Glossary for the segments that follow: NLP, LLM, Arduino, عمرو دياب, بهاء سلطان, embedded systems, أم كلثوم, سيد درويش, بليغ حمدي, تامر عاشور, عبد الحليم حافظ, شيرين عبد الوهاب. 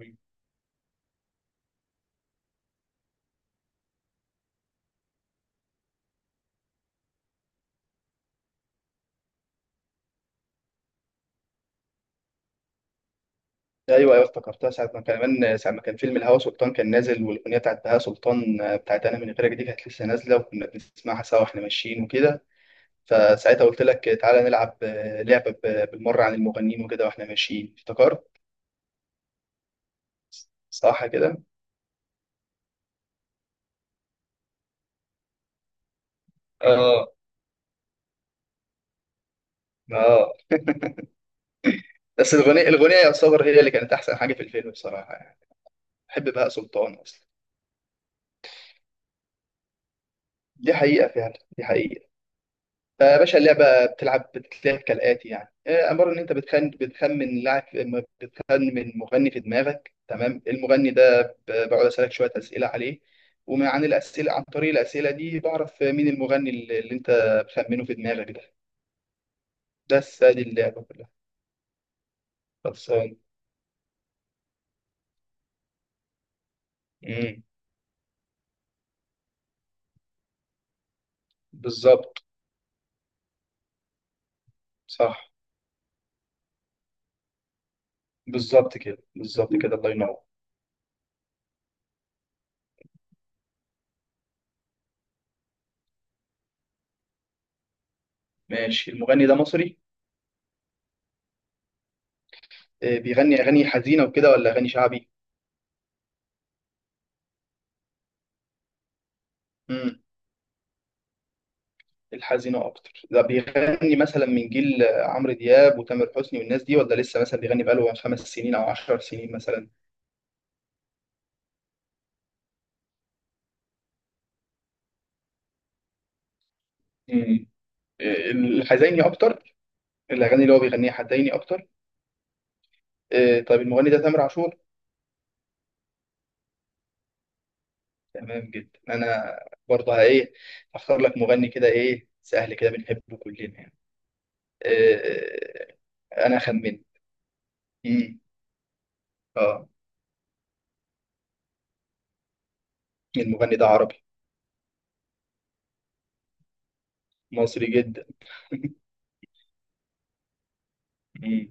ايوه ايوه، افتكرتها ساعه ما كان، كمان ساعه ما كان فيلم الهوى سلطان كان نازل، والاغنيه بتاعت بهاء سلطان، بتاعت انا من غيرك دي كانت لسه نازله، وكنا بنسمعها سوا واحنا ماشيين وكده. فساعتها قلت لك تعالى نلعب لعبه بالمره عن المغنيين وكده واحنا ماشيين، افتكرت صح كده؟ اه، اه. بس الاغنيه يعتبر هي اللي كانت احسن حاجه في الفيلم بصراحه يعني. بحب بهاء سلطان اصلا. دي حقيقه فعلا، دي حقيقه. فيا باشا اللعبة بتتلعب كالآتي يعني، عبارة إن أنت بتخمن لاعب، بتخمن مغني في دماغك. تمام؟ المغني ده بقعد أسألك شوية أسئلة عليه، عن عن طريق الأسئلة دي بعرف مين المغني اللي أنت بتخمنه في دماغك ده. بس هذه اللعبة كلها. خلصان. مم. بالظبط. صح بالظبط كده، بالظبط كده، الله ينور. ماشي، المغني ده مصري؟ بيغني أغاني حزينة وكده ولا أغاني شعبي؟ الحزينة أكتر؟ ده بيغني مثلا من جيل عمرو دياب وتامر حسني والناس دي، ولا لسه مثلا بيغني بقاله خمس سنين أو عشر سنين مثلا؟ مم. الحزيني أكتر؟ الأغاني اللي هو بيغنيها حزيني أكتر؟ طيب، المغني ده تامر عاشور. تمام جدا. أنا برضه إيه، هختار لك مغني كده، إيه، سهل كده، بنحبه كلنا يعني. آه. أنا خمن. مم. آه، المغني ده عربي؟ مصري جدا؟ مم.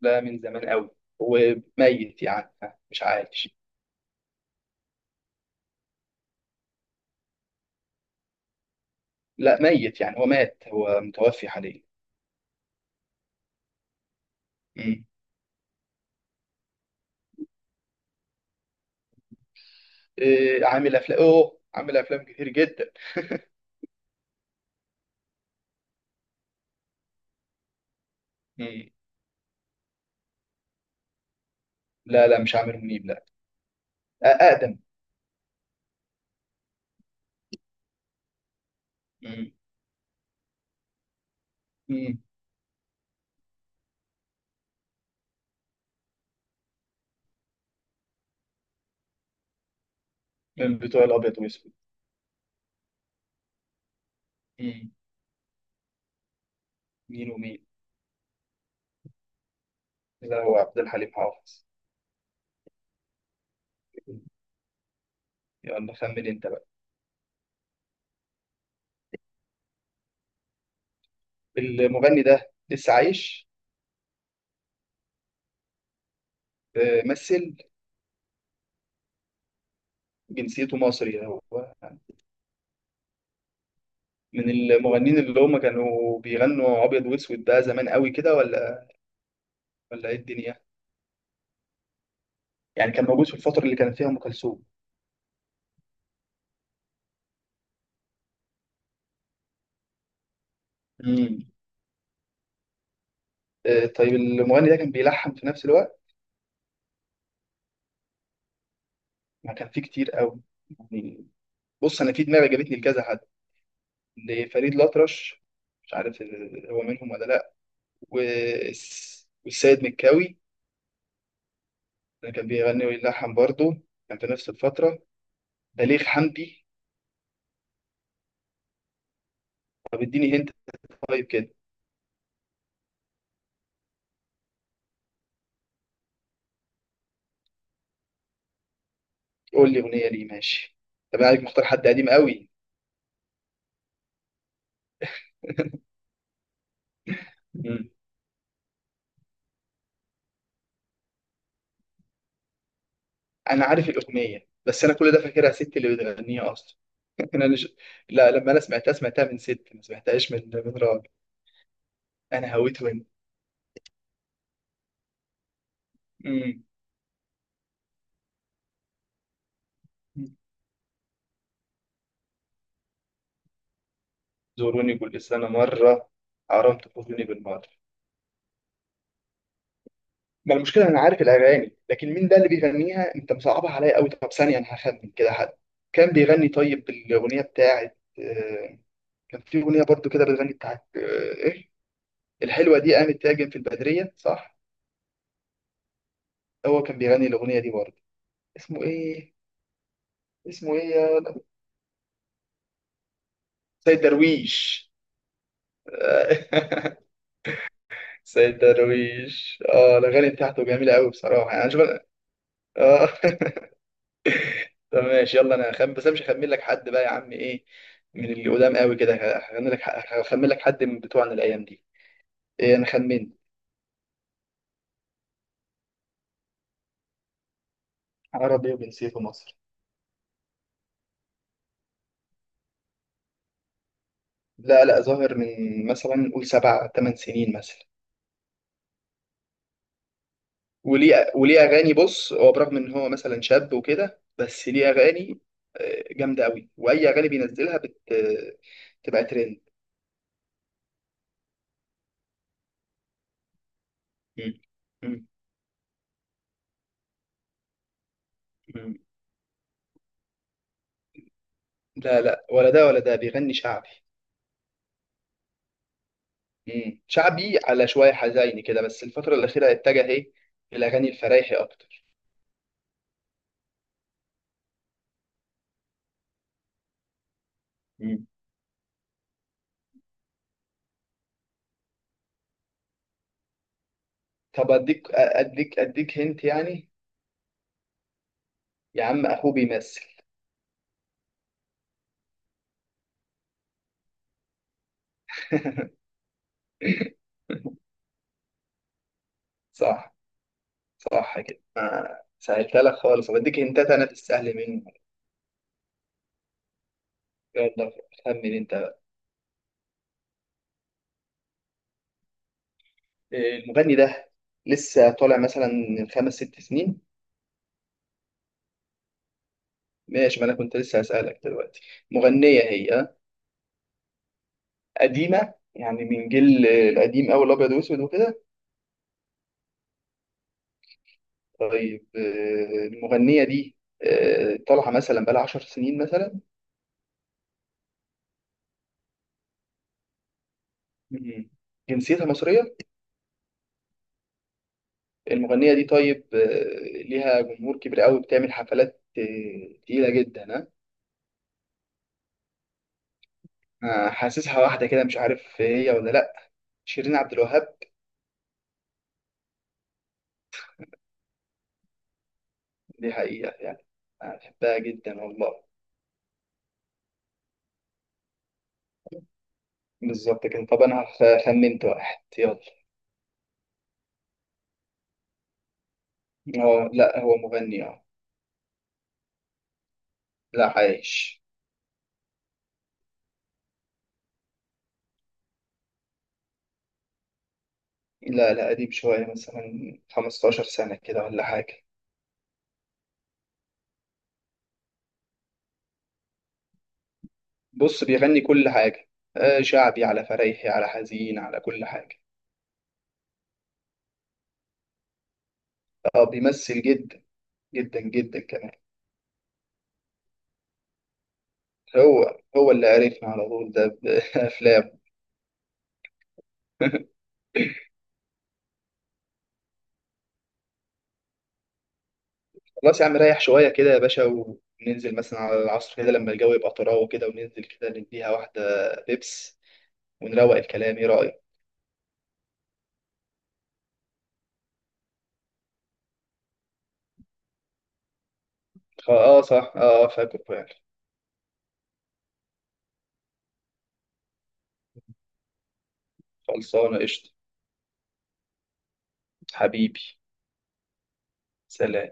لا، من زمان قوي، وميت يعني، مش عايش. لا، ميت يعني، هو مات، هو متوفي حاليا. مم. إيه عامل افلام؟ اوه، عامل افلام كتير جدا. مم. لا لا، مش عامر منيب، لا. اقدم. مم. مم. من بتوع الابيض والاسود. مم. مين ومين؟ لا، هو عبد الحليم حافظ. مم. يلا، خمن انت بقى. المغني ده لسه عايش؟ مثل جنسيته مصري هو؟ من المغنيين اللي هم كانوا بيغنوا ابيض واسود، ده زمان قوي كده ولا ولا ايه الدنيا؟ يعني كان موجود في الفترة اللي كانت فيها ام كلثوم؟ مم. طيب، المغني ده كان بيلحن في نفس الوقت؟ ما كان فيه كتير قوي يعني. بص، انا في دماغي جابتني لكذا حد، لفريد الأطرش، مش عارف هو منهم ولا لا. والسيد مكاوي، ده كان بيغني ويلحن برضه، كان في نفس الفترة. بليغ حمدي. طب اديني هنت، طيب كده. قول لي أغنية ليه ماشي. طب انا عارف، مختار حد قديم قوي. مم. انا عارف الاغنيه، بس انا كل ده فاكرها ست اللي بتغنيها اصلا. انا مش... لا، لما انا سمعتها سمعتها من ست، ما سمعتهاش من راجل. أنا هويت منه. مم. زوروني كل سنة مرة، حرام تفوتوني بالمرة. ما المشكلة، أنا عارف الأغاني، لكن مين ده اللي بيغنيها؟ أنت مصعبها عليا أوي. طب ثانية، أنا هخمن كده حد كان بيغني. طيب الأغنية بتاعت كان في أغنية برضو كده بتغني بتاعت إيه، الحلوة دي قامت تهاجم في البدرية، صح؟ هو كان بيغني الأغنية دي برضو؟ اسمه إيه؟ اسمه إيه يا ولد؟ سيد درويش. سيد درويش، اه، الاغاني بتاعته جميله قوي بصراحه يعني. أنا شوف. اه. طب ماشي، يلا، انا هخم، بس انا مش هخمن لك حد بقى يا عم، ايه، من اللي قدام قوي كده. هخمن لك، هخمن لك حد من بتوعنا الايام دي. إيه، انا خمنت. عربي وجنسيته مصري؟ لا لا، ظاهر من مثلا نقول سبع ثمان سنين مثلا. وليه اغاني. بص، هو برغم ان هو مثلا شاب وكده، بس ليه اغاني جامده قوي، واي اغاني بينزلها بت... تبقى ترند. مم. مم. مم. لا لا، ولا ده ولا ده، بيغني شعبي. مم. شعبي على شوية حزيني كده، بس الفترة الأخيرة اتجه إيه، الأغاني الفرايحي أكتر. مم. طب أديك هنت يعني. يا عم أخوه بيمثل. صح، صح كده. آه. سهلتها لك خالص. طب أديك هنتات، أنا في السهل منه. يلا خمن أنت بقى. إيه، المغني ده لسه طالع مثلا من خمس ست سنين؟ ماشي، ما أنا كنت لسه هسألك دلوقتي. مغنية هي، آه؟ قديمة يعني، من جيل القديم أوي الأبيض وأسود وكده؟ طيب المغنية دي طالعة مثلا بقالها 10 سنين مثلا؟ مم. جنسيتها مصرية؟ المغنية دي طيب ليها جمهور كبير قوي، بتعمل حفلات تقيلة جدا، ها؟ حاسسها واحدة كده، مش عارف هي ولا لأ. شيرين عبد الوهاب؟ دي حقيقة يعني، أنا بحبها جدا والله. بالظبط كده. طب أنا خمنت واحد، يلا. هو لأ، هو مغني، اه. لا، عايش. لا لا، قديم شوية، مثلا 15 سنة كده ولا حاجة. بص بيغني كل حاجة، شعبي على فريحي على حزين، على كل حاجة. اه بيمثل، جدا جدا جدا كمان. هو هو اللي عرفنا على طول ده بأفلام. خلاص يا عم، ريح شوية كده يا باشا، وننزل مثلا على العصر كده لما الجو يبقى طراوة كده، وننزل كده نديها واحدة بيبس، ونروق الكلام، ايه رأيك؟ اه صح، اه، فاكر فعلا. خلصانة، قشطة. حبيبي، سلام.